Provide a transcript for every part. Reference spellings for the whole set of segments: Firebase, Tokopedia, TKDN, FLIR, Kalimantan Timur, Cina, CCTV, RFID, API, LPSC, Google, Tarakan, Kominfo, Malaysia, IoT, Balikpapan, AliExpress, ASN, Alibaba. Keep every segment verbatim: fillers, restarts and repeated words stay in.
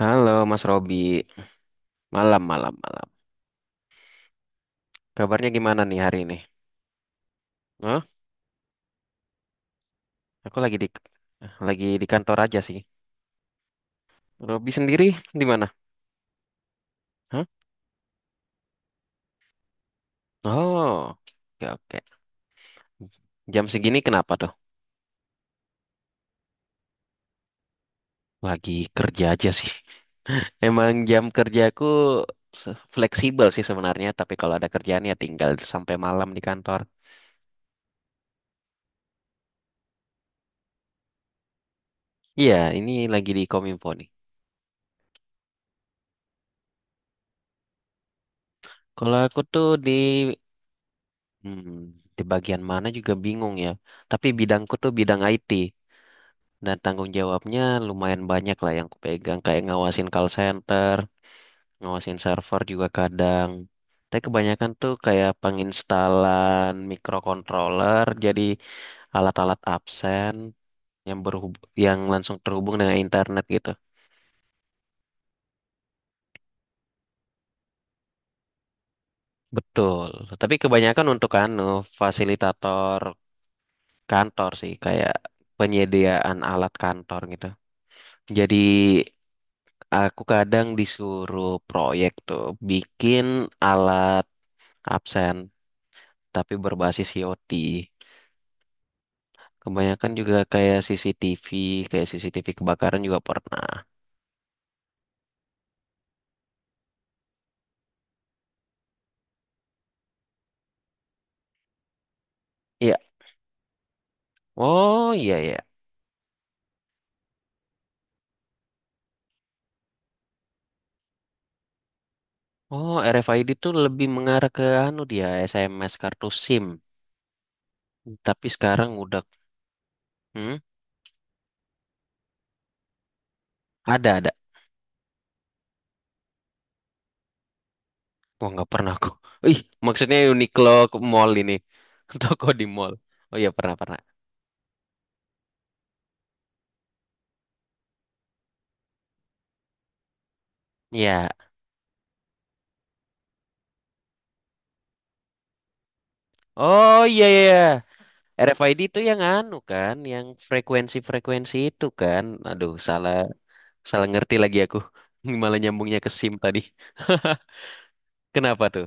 Halo Mas Robi, malam, malam, malam. Kabarnya gimana nih hari ini? Hah? Aku lagi di eh, lagi di kantor aja sih. Robi sendiri di mana? Hah? Oh, oke, oke. Jam segini kenapa tuh? Lagi kerja aja sih. Emang jam kerjaku se- fleksibel sih sebenarnya, tapi kalau ada kerjaan ya tinggal sampai malam di kantor. Iya, ini lagi di Kominfo nih. Kalau aku tuh di hmm, di bagian mana juga bingung ya. Tapi bidangku tuh bidang I T. Dan tanggung jawabnya lumayan banyak lah yang kupegang, kayak ngawasin call center, ngawasin server juga kadang. Tapi kebanyakan tuh kayak penginstalan microcontroller, jadi alat-alat absen yang berhub yang langsung terhubung dengan internet gitu. Betul. Tapi kebanyakan untuk anu fasilitator kantor sih, kayak penyediaan alat kantor gitu. Jadi aku kadang disuruh proyek tuh bikin alat absen tapi berbasis IoT. Kebanyakan juga kayak C C T V, kayak C C T V kebakaran juga pernah. Iya. Oh, iya, iya. Oh, R F I D tuh lebih mengarah ke anu dia S M S kartu SIM. Tapi sekarang udah. Hmm? Ada, ada. Wah, nggak pernah aku. Ih, maksudnya Uniqlo ke mall ini toko di mall. Oh, iya, pernah, pernah. Iya. Oh, iya, iya. Iya. R F I D itu yang anu kan, yang frekuensi-frekuensi itu kan. Aduh, salah salah ngerti lagi aku. Malah nyambungnya ke SIM tadi. Kenapa tuh?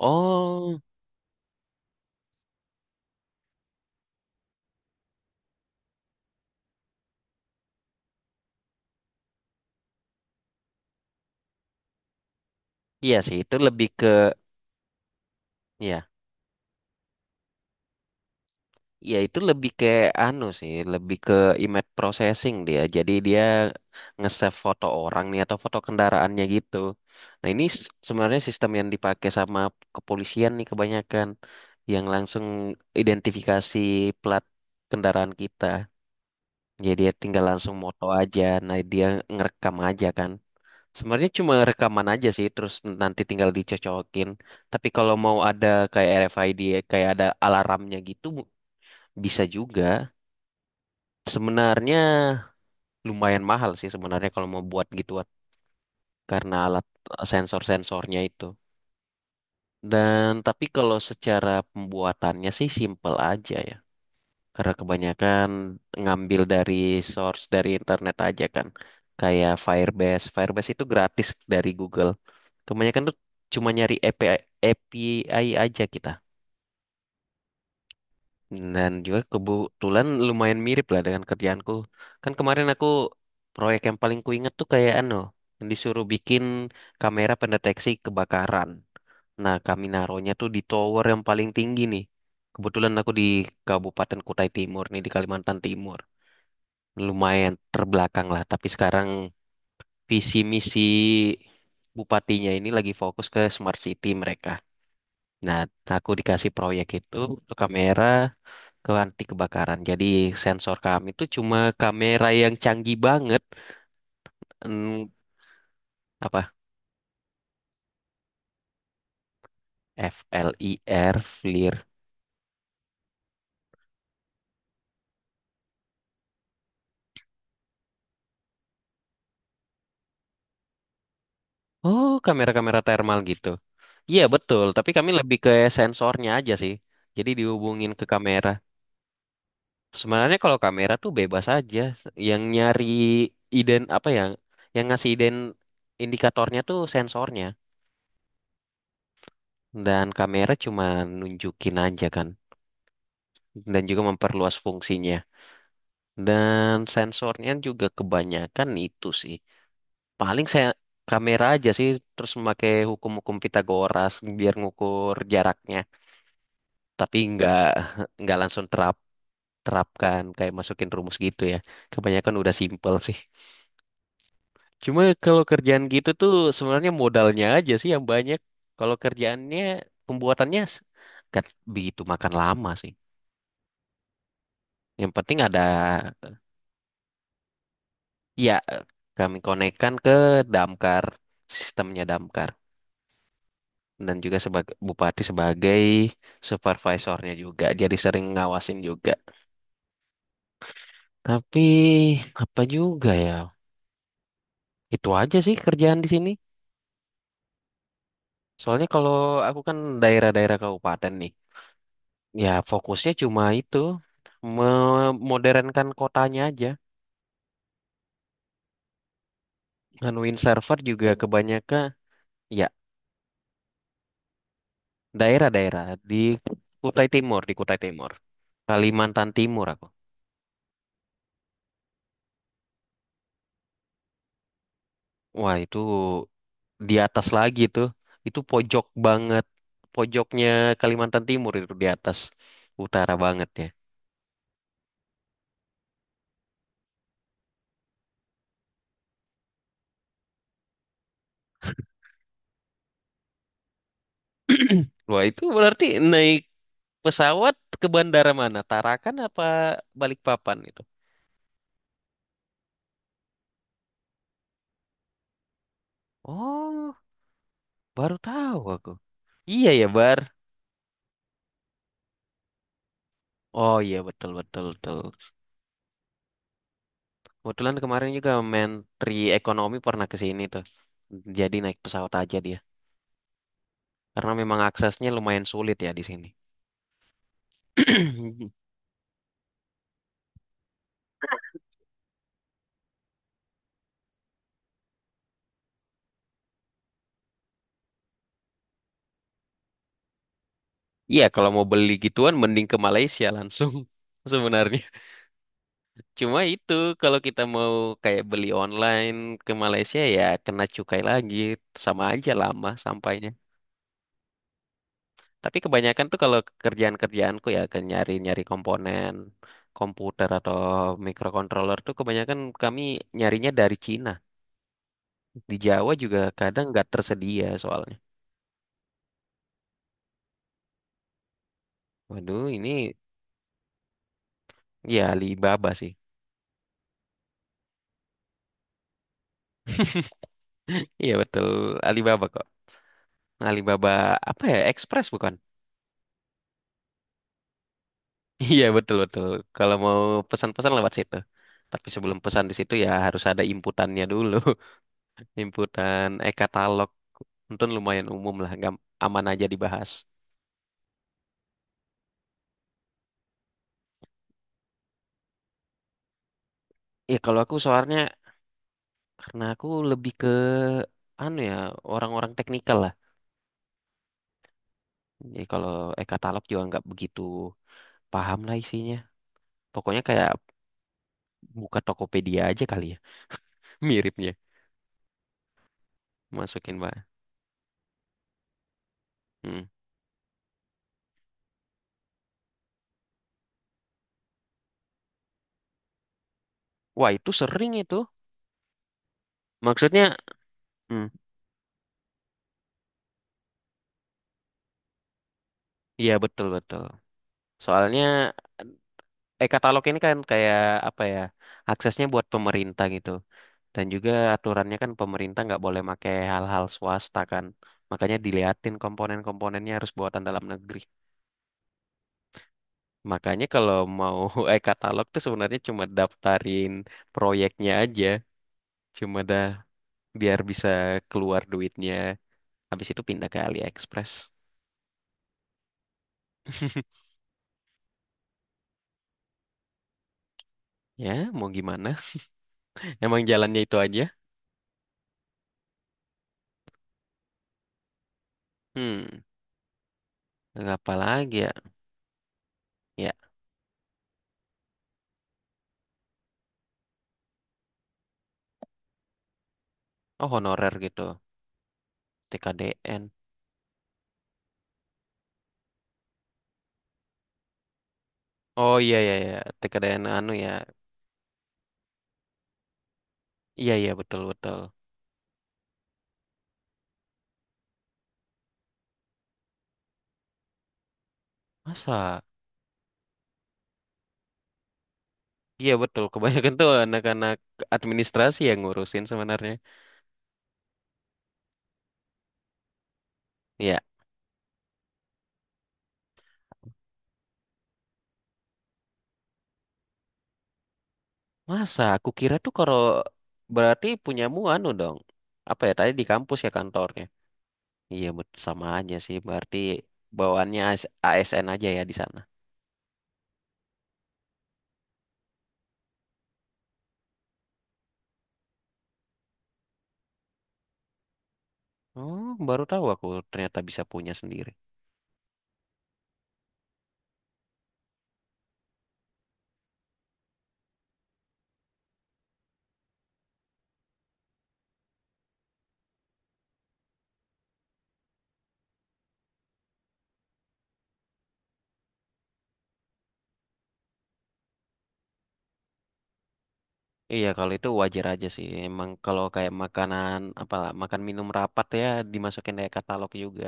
Oh, iya sih, itu lebih ke, ya, ya itu lebih ke anu sih, lebih ke image processing dia. Jadi dia nge-save foto orang nih atau foto kendaraannya gitu. Nah, ini s- sebenarnya sistem yang dipakai sama kepolisian nih kebanyakan yang langsung identifikasi plat kendaraan kita. Jadi dia tinggal langsung moto aja, nah dia ngerekam aja kan. Sebenarnya cuma rekaman aja sih, terus nanti tinggal dicocokin. Tapi kalau mau ada kayak R F I D, kayak ada alarmnya gitu, bisa juga. Sebenarnya lumayan mahal sih sebenarnya kalau mau buat gituan, karena alat eh, sensor-sensornya itu. Dan tapi kalau secara pembuatannya sih simple aja ya. Karena kebanyakan ngambil dari source dari internet aja kan. Kayak Firebase. Firebase itu gratis dari Google. Kebanyakan tuh cuma nyari A P I, A P I aja kita. Dan juga kebetulan lumayan mirip lah dengan kerjaanku. Kan kemarin aku proyek yang paling kuinget tuh kayak anu, yang disuruh bikin kamera pendeteksi kebakaran. Nah, kami naruhnya tuh di tower yang paling tinggi nih. Kebetulan aku di Kabupaten Kutai Timur nih, di Kalimantan Timur lumayan terbelakang lah. Tapi sekarang visi misi bupatinya ini lagi fokus ke smart city mereka. Nah, aku dikasih proyek itu untuk kamera ke anti kebakaran. Jadi sensor kami itu cuma kamera yang canggih banget. Hmm, Apa? FLIR, FLIR. Oh, kamera-kamera thermal gitu. Iya betul, tapi kami lebih ke sensornya aja sih. Jadi dihubungin ke kamera. Sebenarnya kalau kamera tuh bebas aja, yang nyari iden apa ya, yang ngasih iden indikatornya tuh sensornya, dan kamera cuma nunjukin aja kan, dan juga memperluas fungsinya. Dan sensornya juga kebanyakan itu sih. Paling saya kamera aja sih terus memakai hukum-hukum Pitagoras biar ngukur jaraknya, tapi nggak nggak langsung terap terapkan kayak masukin rumus gitu ya. Kebanyakan udah simple sih. Cuma kalau kerjaan gitu tuh sebenarnya modalnya aja sih yang banyak. Kalau kerjaannya pembuatannya s- nggak begitu makan lama sih. Yang penting ada. Ya, kami konekkan ke damkar, sistemnya damkar, dan juga sebagai bupati, sebagai supervisornya juga. Jadi sering ngawasin juga. Tapi apa juga ya? Itu aja sih kerjaan di sini. Soalnya kalau aku kan daerah-daerah kabupaten nih. Ya fokusnya cuma itu memodernkan kotanya aja. Nganuin server juga kebanyakan, ya, daerah-daerah di Kutai Timur, di Kutai Timur. Kalimantan Timur aku. Wah, itu di atas lagi tuh. Itu pojok banget. Pojoknya Kalimantan Timur itu di atas, utara banget ya. Wah, itu berarti naik pesawat ke bandara mana? Tarakan apa Balikpapan itu? Oh, baru tahu aku. Iya ya, Bar. Oh, iya, betul, betul, betul. Kebetulan kemarin juga Menteri Ekonomi pernah ke sini tuh. Jadi naik pesawat aja dia. Karena memang aksesnya lumayan sulit ya di sini. Iya, kalau mau beli gituan mending ke Malaysia langsung sebenarnya. Cuma itu kalau kita mau kayak beli online ke Malaysia ya kena cukai lagi. Sama aja lama sampainya. Tapi kebanyakan tuh kalau kerjaan-kerjaanku ya ke nyari-nyari komponen komputer atau microcontroller tuh kebanyakan kami nyarinya dari Cina. Di Jawa juga kadang nggak tersedia soalnya. Waduh, ini, ya, Alibaba sih. Iya betul, Alibaba kok. Alibaba apa ya? Express bukan? Iya, betul, betul. Kalau mau pesan-pesan lewat situ. Tapi sebelum pesan di situ ya harus ada inputannya dulu. Inputan e-katalog. Untung lumayan umum lah, gam- aman aja dibahas. Ya kalau aku soalnya karena aku lebih ke anu ya orang-orang teknikal lah. Jadi kalau e-katalog juga nggak begitu paham lah isinya. Pokoknya kayak buka Tokopedia aja kali ya. Miripnya masukin mbak. Hmm. Wah, itu sering itu. Maksudnya, hmm, iya, betul, betul. Soalnya e-katalog ini kan kayak apa ya, aksesnya buat pemerintah gitu. Dan juga aturannya kan pemerintah nggak boleh pakai hal-hal swasta kan. Makanya diliatin komponen-komponennya harus buatan dalam negeri. Makanya kalau mau e-katalog tuh sebenarnya cuma daftarin proyeknya aja. Cuma dah biar bisa keluar duitnya. Habis itu pindah ke AliExpress. Ya, mau gimana? Emang jalannya itu aja? Hmm, Apa lagi ya? Ya, oh, honorer gitu. T K D N. Oh, iya, iya, iya, T K D N anu ya. Iya, iya, betul, betul. Masa? Iya betul, kebanyakan tuh anak-anak administrasi yang ngurusin sebenarnya. Iya, masa aku kira tuh kalau berarti punyamu anu dong. Apa ya tadi di kampus ya kantornya? Iya, bet- sama aja sih, berarti bawaannya A S- A S N aja ya di sana. Oh, baru tahu aku ternyata bisa punya sendiri. Iya, kalau itu wajar aja sih. Emang kalau kayak makanan apa, makan minum rapat ya dimasukin kayak katalog juga.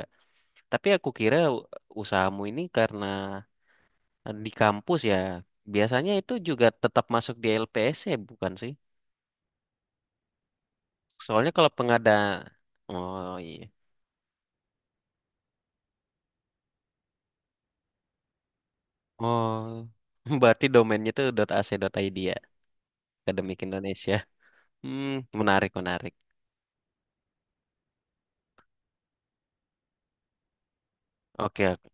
Tapi aku kira u- usahamu ini karena di kampus ya, biasanya itu juga tetap masuk di L P S C, bukan sih? Soalnya kalau pengada... Oh, iya. Oh, berarti domainnya itu .ac.id ya, Akademik Indonesia. Hmm, Menarik, menarik. Oke, oke.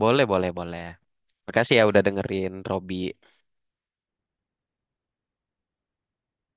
Boleh, boleh, boleh. Makasih ya udah dengerin, Robi.